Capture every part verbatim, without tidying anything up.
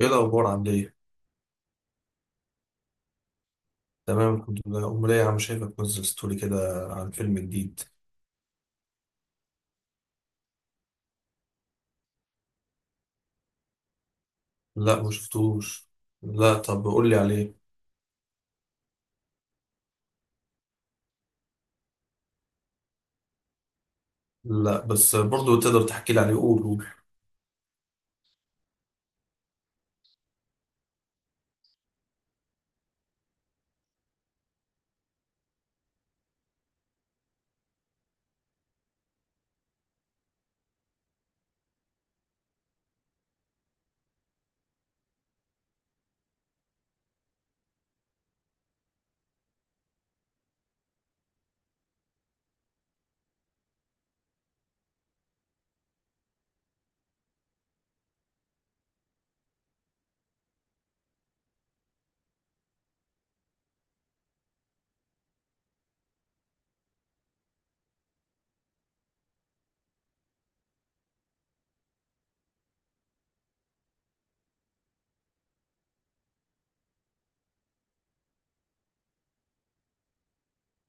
ايه الاخبار عامل ايه؟ تمام الحمد لله، امال ايه يا عم؟ شايفك منزل ستوري كده عن فيلم جديد. لا، ما شفتوش. لا طب قول لي عليه. لا بس برضو تقدر تحكي لي عليه، قول قول.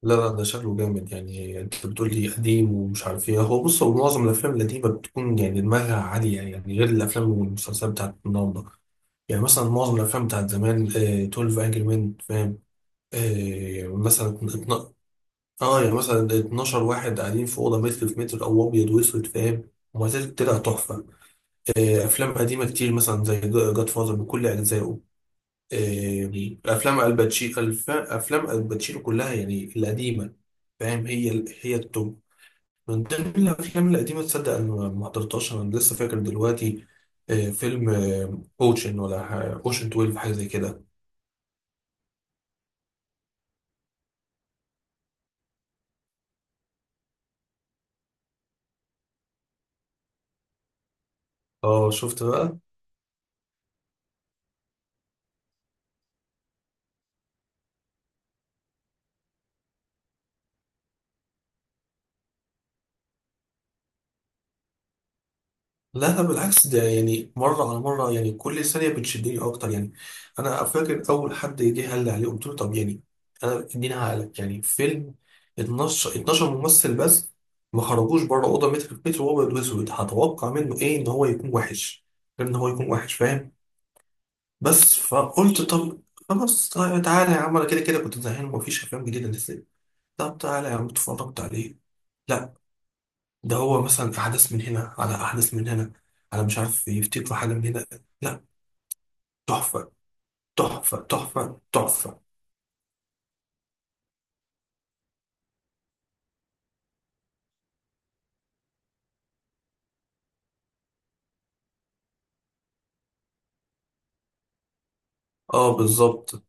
لا لا، ده شكله جامد، يعني انت بتقول لي قديم ومش عارف ايه. هو بص، هو معظم الافلام القديمه بتكون يعني دماغها عاليه، يعني غير الافلام والمسلسلات بتاعت النهارده. يعني مثلا معظم الافلام بتاعت زمان، آه، اتناشر انجري مان، فاهم؟ آه، مثلا. اه يعني مثلا اتناشر واحد قاعدين في اوضه متر في متر، او ابيض واسود، فاهم؟ وما زالت طلع تحفه. آه، افلام قديمه كتير مثلا زي جاد فازر بكل اجزائه. آه، يعني افلام الباتشينو، الف- افلام الباتشينو كلها يعني القديمه، فاهم؟ هي ال- هي التوب. من ضمن الافلام القديمه، تصدق انا ما ما حضرتهاش، انا لسه فاكر دلوقتي، آه، فيلم اوشن، ولا اوشن تويلف، حاجه زي كده. اه شفت بقى. لا لا، بالعكس، ده يعني مرة على مرة يعني كل ثانية بتشدني أكتر يعني. أنا فاكر أول حد جه قال لي عليه قلت له طب يعني أنا إديني، هقلك يعني فيلم اتناشر، اتناشر ممثل بس، ما خرجوش بره أوضة متر في متر، وهو أبيض وأسود. هتوقع منه إيه؟ إن هو يكون وحش. غير إن هو يكون وحش، فاهم؟ بس فقلت طب خلاص، طيب تعالى يا عم، أنا كده كده كنت زهقان ومفيش أفلام جديدة نزلت. طب تعالى يا عم اتفرجت عليه. لا، ده هو مثلا في حدث من هنا، على أحدث من هنا، على مش عارف يفتكروا حاجة من هنا. لا، تحفة تحفة تحفة تحفة. اه بالظبط.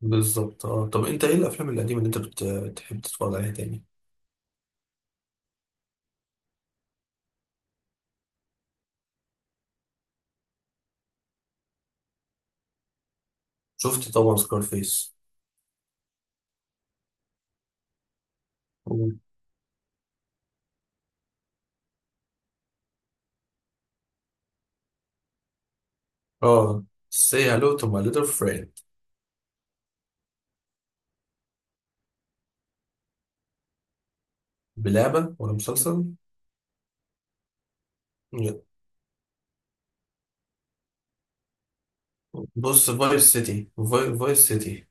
بالظبط. اه طب انت ايه الافلام القديمة اللي انت بت- بتحب تتفرج عليها تاني؟ شفت طبعا سكارفيس. اه، سي هالو تو ماي ليتل فريند. بلعبة ولا مسلسل؟ لا. بص، فايس سيتي، فاي- فايس سيتي.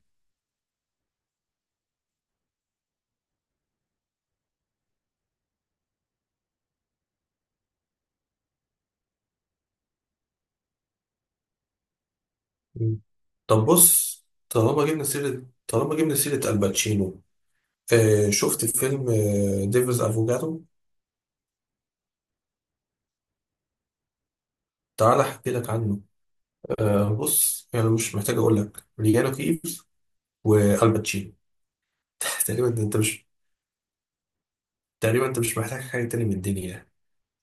مم. طب بص. طالما جبنا سيرة، طالما جبنا سيرة الباتشينو، آه شفت فيلم، آه ديفيز افوكاتو. تعال احكي لك عنه. آه، بص، يعني مش محتاج اقول لك، ليجانو كيفز والباتشينو. تقريبا انت مش تقريبا انت مش محتاج حاجه تاني من الدنيا يعني.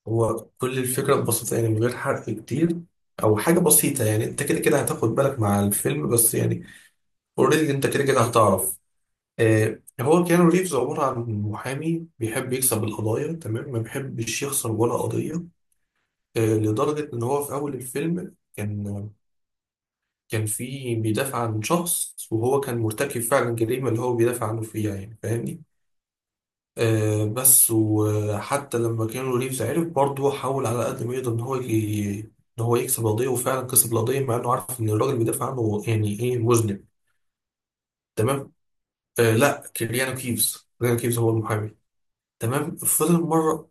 هو كل الفكره ببساطه، يعني من غير حرق كتير، او حاجه بسيطه، يعني انت كده كده هتاخد بالك مع الفيلم بس يعني، اوريدي انت كده كده هتعرف. آه هو كيانو ريفز عباره عن محامي بيحب يكسب القضايا تمام، ما بيحبش يخسر ولا قضيه. آه لدرجه ان هو في اول الفيلم كان، كان في بيدافع عن شخص، وهو كان مرتكب فعلا جريمة اللي هو بيدافع عنه فيها، يعني فاهمني؟ آه بس، وحتى لما كانوا ريفز عرف برضه، حاول على قد ما يقدر ان هو ي... ان هو يكسب القضية، وفعلا كسب القضية، مع انه عارف ان الراجل بيدافع عنه يعني ايه، مذنب. تمام. آه لا، كيليانو كيفز، كيليانو كيفز هو المحامي. تمام، فضل مرة.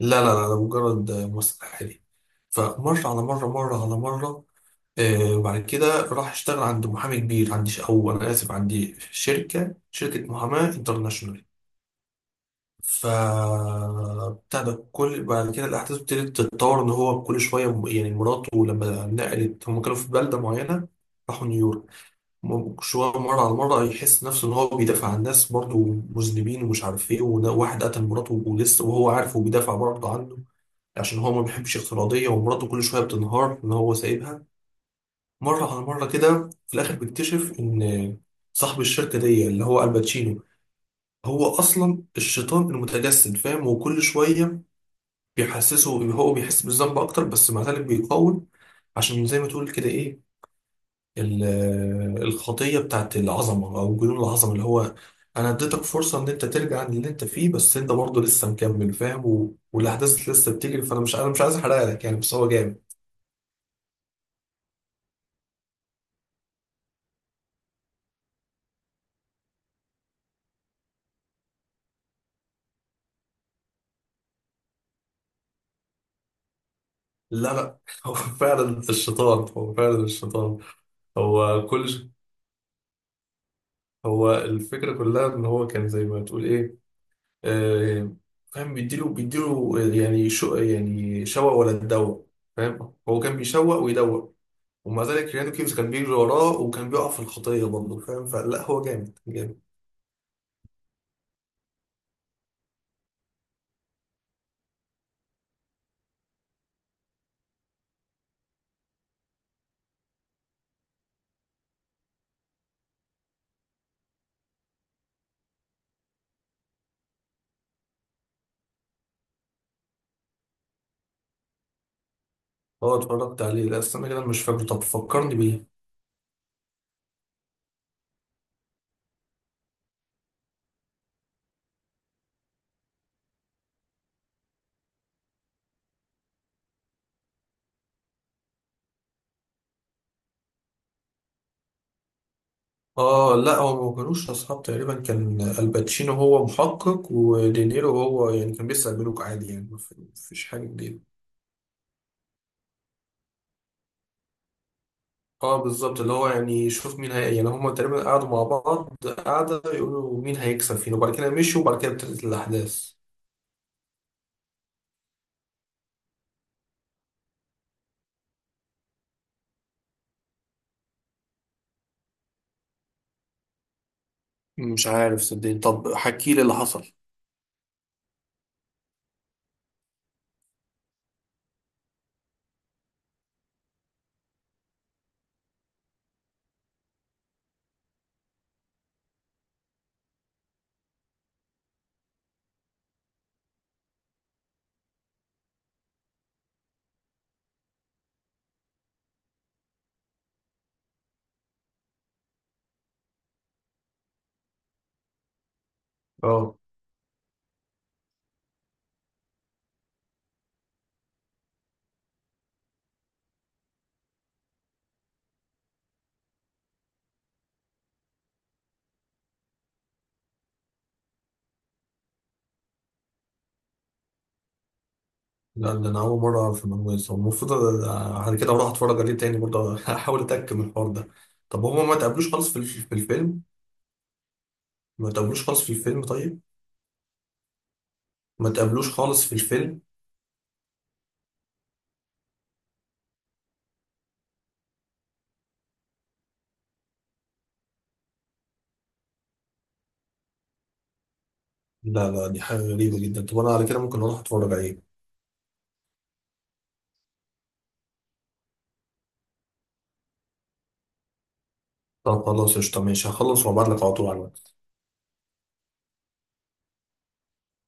لا لا لا، ده مجرد آه، ممثل حالي. فمرة على مرة، مرة على مرة. آه، وبعد كده راح اشتغل عند محامي كبير، عندي ش- او انا اسف، عندي شركه شركه محاماه انترناشونال. ف بتاع ده، كل بعد كده الاحداث ابتدت تتطور، ان هو كل شويه م- يعني مراته لما نقلت، هم كانوا في بلده معينه، راحوا نيويورك. م- شويه، مره على مره يحس نفسه ان هو بيدافع عن ناس برضه مذنبين ومش عارف ايه، وده واحد قتل مراته ولسه، وهو عارف وبيدافع برضه عنه، عشان هو ما بيحبش الافتراضيه، ومراته كل شويه بتنهار ان هو سايبها. مرة على مرة كده في الآخر بيكتشف إن صاحب الشركة دي اللي هو الباتشينو هو أصلا الشيطان المتجسد، فاهم؟ وكل شوية بيحسسه، هو بيحس بالذنب أكتر، بس مع ذلك بيقاوم، عشان زي ما تقول كده إيه، ال- الخطية بتاعت العظمة أو جنون العظمة، اللي هو أنا اديتك فرصة إن أنت ترجع عن اللي أنت فيه بس أنت برضه لسه مكمل، فاهم؟ و... والأحداث لسه بتجري، فأنا مش أنا مش عايز أحرق لك يعني، بس هو جامد. لا لا، هو فعلا الشيطان، هو فعلا الشيطان. هو كل ش- هو الفكرة كلها ان هو كان زي ما تقول ايه، آه فاهم، بيديله بيديله، يعني شو يعني شوق ولا تدوق، فاهم؟ هو كان بيشوق ويدوق، ومع ذلك ريانو كيفز كان بيجري وراه وكان بيقع في الخطية برضه، فاهم؟ فلا، هو جامد جامد. اه اتفرجت عليه، لا استنى كده، أنا مش فاكره، طب فكرني بيه. اه لا، هو ما كانوش اصحاب. تقريبا كان الباتشينو هو محقق، ودينيرو هو يعني كان بيسرق بنوك عادي يعني، ما في- مفيش حاجة جديدة. اه بالظبط، اللي هو يعني شوف مين هي، يعني هما تقريبا قعدوا مع بعض قعدة يقولوا مين هيكسب فينا، وبعد كده مشوا، وبعد كده ابتدت الأحداث. مش عارف صدقني، طب حكي لي اللي حصل. اه لا، ده أنا أول مرة أعرف المعلومة دي. المفروض أنا- بعد كده أروح أتفرج عليه تاني برضه أحاول أتأكد من الحوار ده. طب هما ما تقابلوش خالص في ال- في الفيلم؟ ما تقابلوش خالص في الفيلم، طيب. ما تقابلوش خالص في الفيلم. لا لا، دي حاجة غريبة جدا، طب أنا على كده ممكن أروح أتفرج عليه. طب خلاص قشطة ماشي، هخلص وأبعتلك على طول على الواتس.